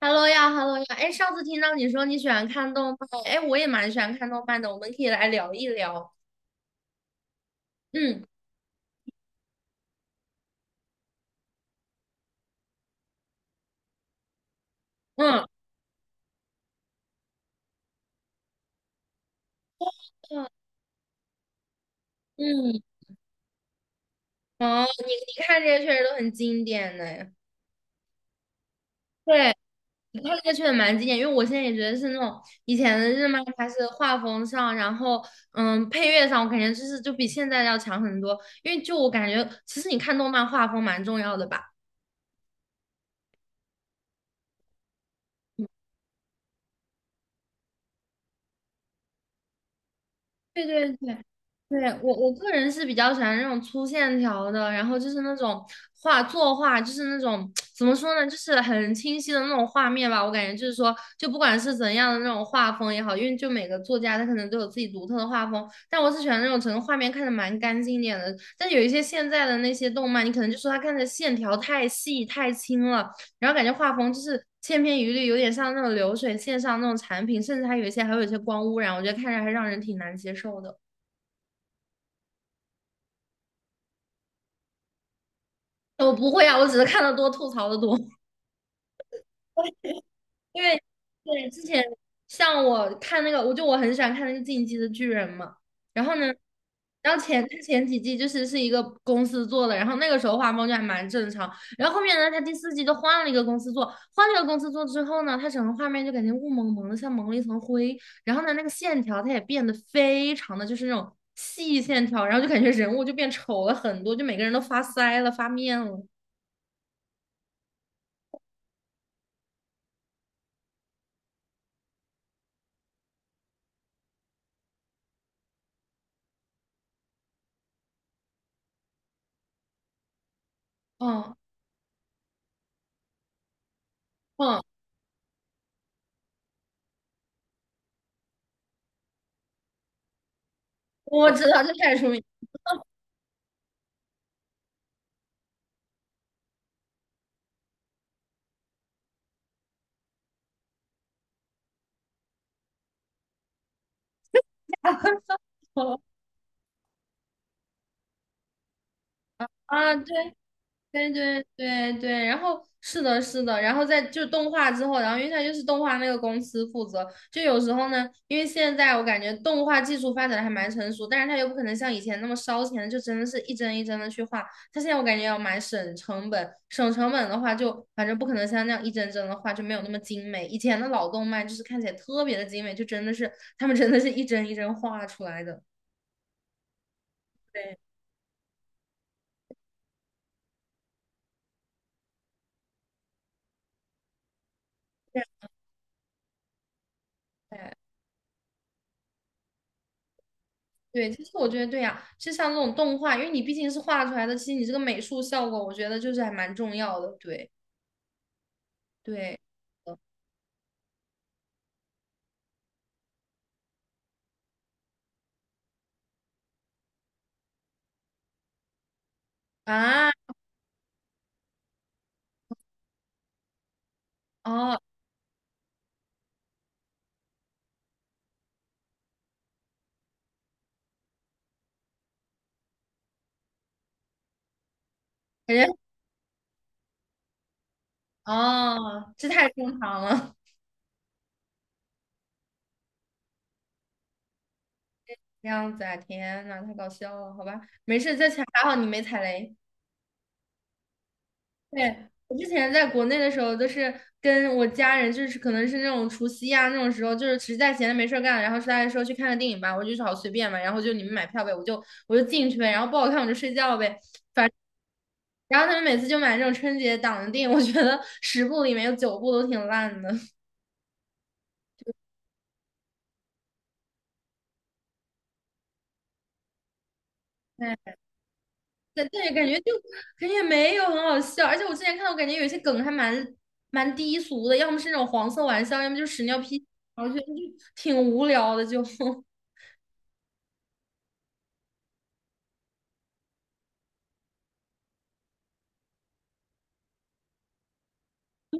Hello 呀，Hello 呀，哎，上次听到你说你喜欢看动漫，哎，我也蛮喜欢看动漫的，我们可以来聊一聊。嗯嗯嗯嗯，哦，你看这些确实都很经典呢。对，你看这个确实蛮经典，因为我现在也觉得是那种以前的日漫，它是画风上，然后配乐上，我感觉就比现在要强很多。因为就我感觉，其实你看动漫画风蛮重要的吧。对对对，对，我个人是比较喜欢那种粗线条的，然后就是那种画作画，就是那种怎么说呢，就是很清晰的那种画面吧。我感觉就是说，就不管是怎样的那种画风也好，因为就每个作家他可能都有自己独特的画风，但我是喜欢那种整个画面看着蛮干净一点的。但有一些现在的那些动漫，你可能就说它看着线条太细太轻了，然后感觉画风就是千篇一律，有点像那种流水线上那种产品，甚至还有一些光污染，我觉得看着还让人挺难接受的。我不会啊，我只是看的多，吐槽的多。因为对之前像我看那个，我很喜欢看那个《进击的巨人》嘛，然后呢，然后前几季就是一个公司做的，然后那个时候画风就还蛮正常，然后后面呢，他第四季就换了一个公司做，换了一个公司做之后呢，他整个画面就感觉雾蒙蒙的，像蒙了一层灰，然后呢，那个线条它也变得非常的就是那种细线条，然后就感觉人物就变丑了很多，就每个人都发腮了、发面了，嗯嗯，我知道这太出名了。啊，对，然后是的，是的，然后在就动画之后，然后因为它就是动画那个公司负责，就有时候呢，因为现在我感觉动画技术发展的还蛮成熟，但是他又不可能像以前那么烧钱，就真的是一帧一帧的去画，他现在我感觉要蛮省成本，省成本的话就反正不可能像那样一帧帧的画就没有那么精美，以前的老动漫就是看起来特别的精美，就真的是他们真的是一帧一帧画出来的，对。对对，其实我觉得对呀、其实像这种动画，因为你毕竟是画出来的，其实你这个美术效果，我觉得就是还蛮重要的。对对，呃啊哦，感觉哦，这太正常了，这样子啊，天呐，太搞笑了，好吧，没事，这还好你没踩雷。对，我之前在国内的时候，都是跟我家人，就是可能是那种除夕啊那种时候，就是实在闲着没事儿干，然后大家说去看个电影吧，我就说好随便嘛，然后就你们买票呗，我就进去呗，然后不好看我就睡觉呗。然后他们每次就买这种春节档的电影，我觉得十部里面有九部都挺烂的。哎，对但也感觉也没有很好笑，而且我之前看到，我感觉有一些梗还蛮低俗的，要么是那种黄色玩笑，要么就是屎尿屁，我觉得就挺无聊的。就 是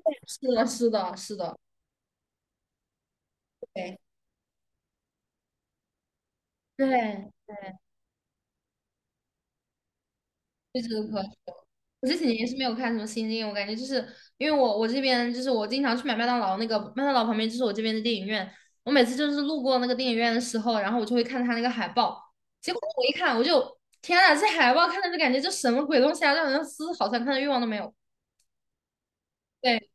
的，是的，是的，对对对，就这个可我这几年也是没有看什么新电影，我感觉就是因为我这边就是我经常去买麦当劳，那个麦当劳旁边就是我这边的电影院，我每次就是路过那个电影院的时候，然后我就会看它那个海报，结果我一看我就天呐，这海报看着就感觉这什么鬼东西啊，让人丝毫想看的欲望都没有。对，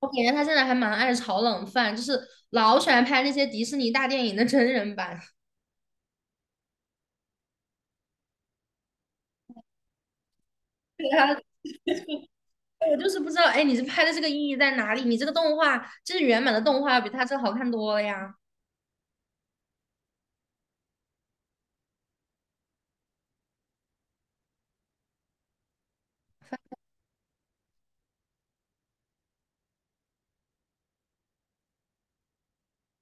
我感觉他现在还蛮爱炒冷饭，就是老喜欢拍那些迪士尼大电影的真人版。对啊，我就是不知道，哎，你这拍的这个意义在哪里？你这个动画，就是原版的动画，比他这好看多了呀。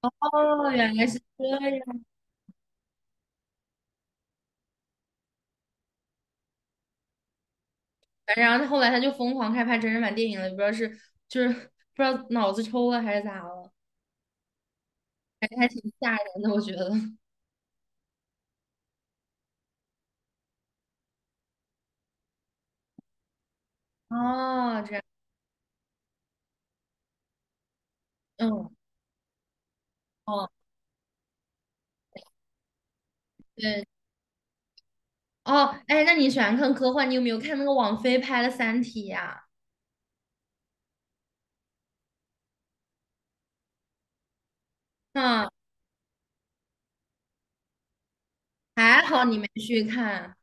哦，原来是这样。然后他后来就疯狂开拍真人版电影了，也不知道是就是不知道脑子抽了还是咋了，反正还挺吓人的，我觉得。哦，这样，嗯，哦，对，哦，哎，那你喜欢看科幻？你有没有看那个王菲拍的《三体》呀？嗯，还好你没去看。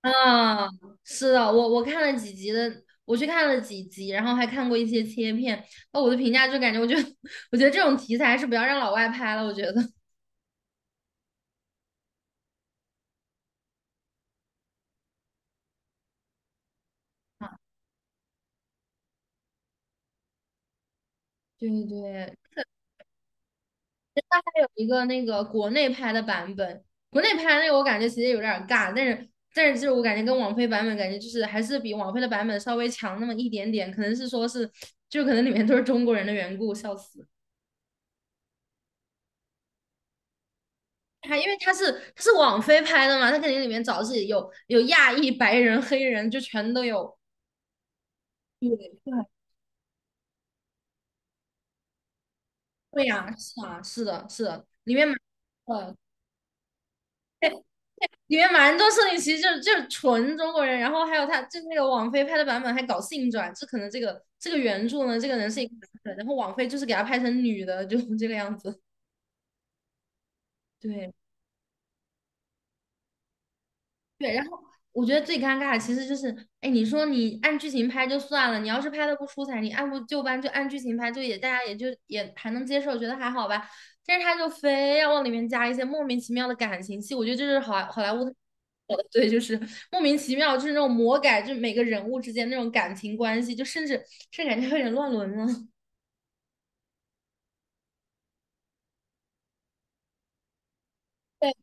啊，是的，我看了几集的，我去看了几集，然后还看过一些切片。那我的评价就感觉，我觉得 我觉得这种题材是不要让老外拍了，我觉得。啊，对对，它还有一个那个国内拍的版本，国内拍的那个我感觉其实有点儿尬，但是就是我感觉跟网飞版本感觉就是还是比网飞的版本稍微强那么一点点，可能是说是就可能里面都是中国人的缘故，笑死。他因为他是网飞拍的嘛，他肯定里面找自己有亚裔、白人、黑人，就全都有。对对，对呀，是啊，是的，是的，里面蛮。里面蛮多设定其实就是纯中国人，然后还有他就那个网飞拍的版本还搞性转，这可能这个原著呢，这个人是一个男的，然后网飞就是给他拍成女的，就这个样子。对，对，然后我觉得最尴尬的其实就是，哎，你说你按剧情拍就算了，你要是拍的不出彩，你按部就班就按剧情拍，就也大家也就也还能接受，觉得还好吧。但是他就非要往里面加一些莫名其妙的感情戏，我觉得这是好莱坞的，对，就是莫名其妙，就是那种魔改，就每个人物之间那种感情关系，就甚至感觉有点乱伦了。对，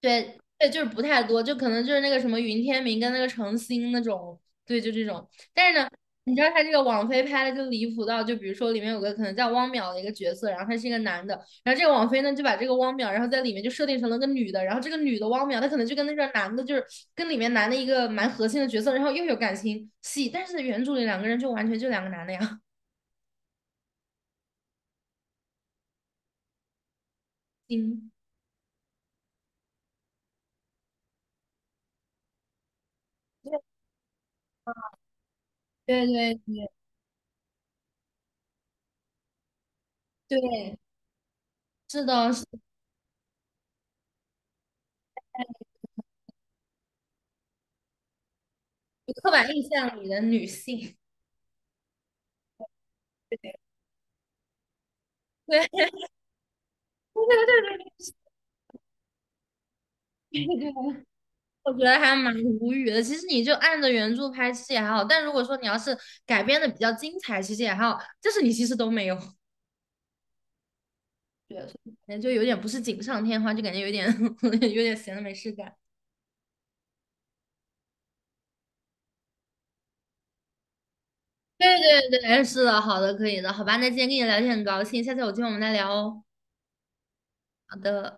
对对，就是不太多，就可能就是那个什么云天明跟那个程心那种，对，就这种。但是呢，你知道他这个网飞拍的就离谱到，就比如说里面有个可能叫汪淼的一个角色，然后他是一个男的，然后这个网飞呢就把这个汪淼，然后在里面就设定成了个女的，然后这个女的汪淼，她可能就跟那个男的，就是跟里面男的一个蛮核心的角色，然后又有感情戏，但是原著里两个人就完全就两个男的呀，嗯，对对对对，是的，是刻板印象里的女性，对。对对，我觉得还蛮无语的。其实你就按着原著拍，戏也还好。但如果说你要是改编的比较精彩，其实也还好。就是你其实都没有，对，所以感觉就有点不是锦上添花，就感觉有点 有点闲的没事干。对对对，是的，好的，可以的，好吧。那今天跟你聊天很高兴，下次有机会我们再聊哦。好的。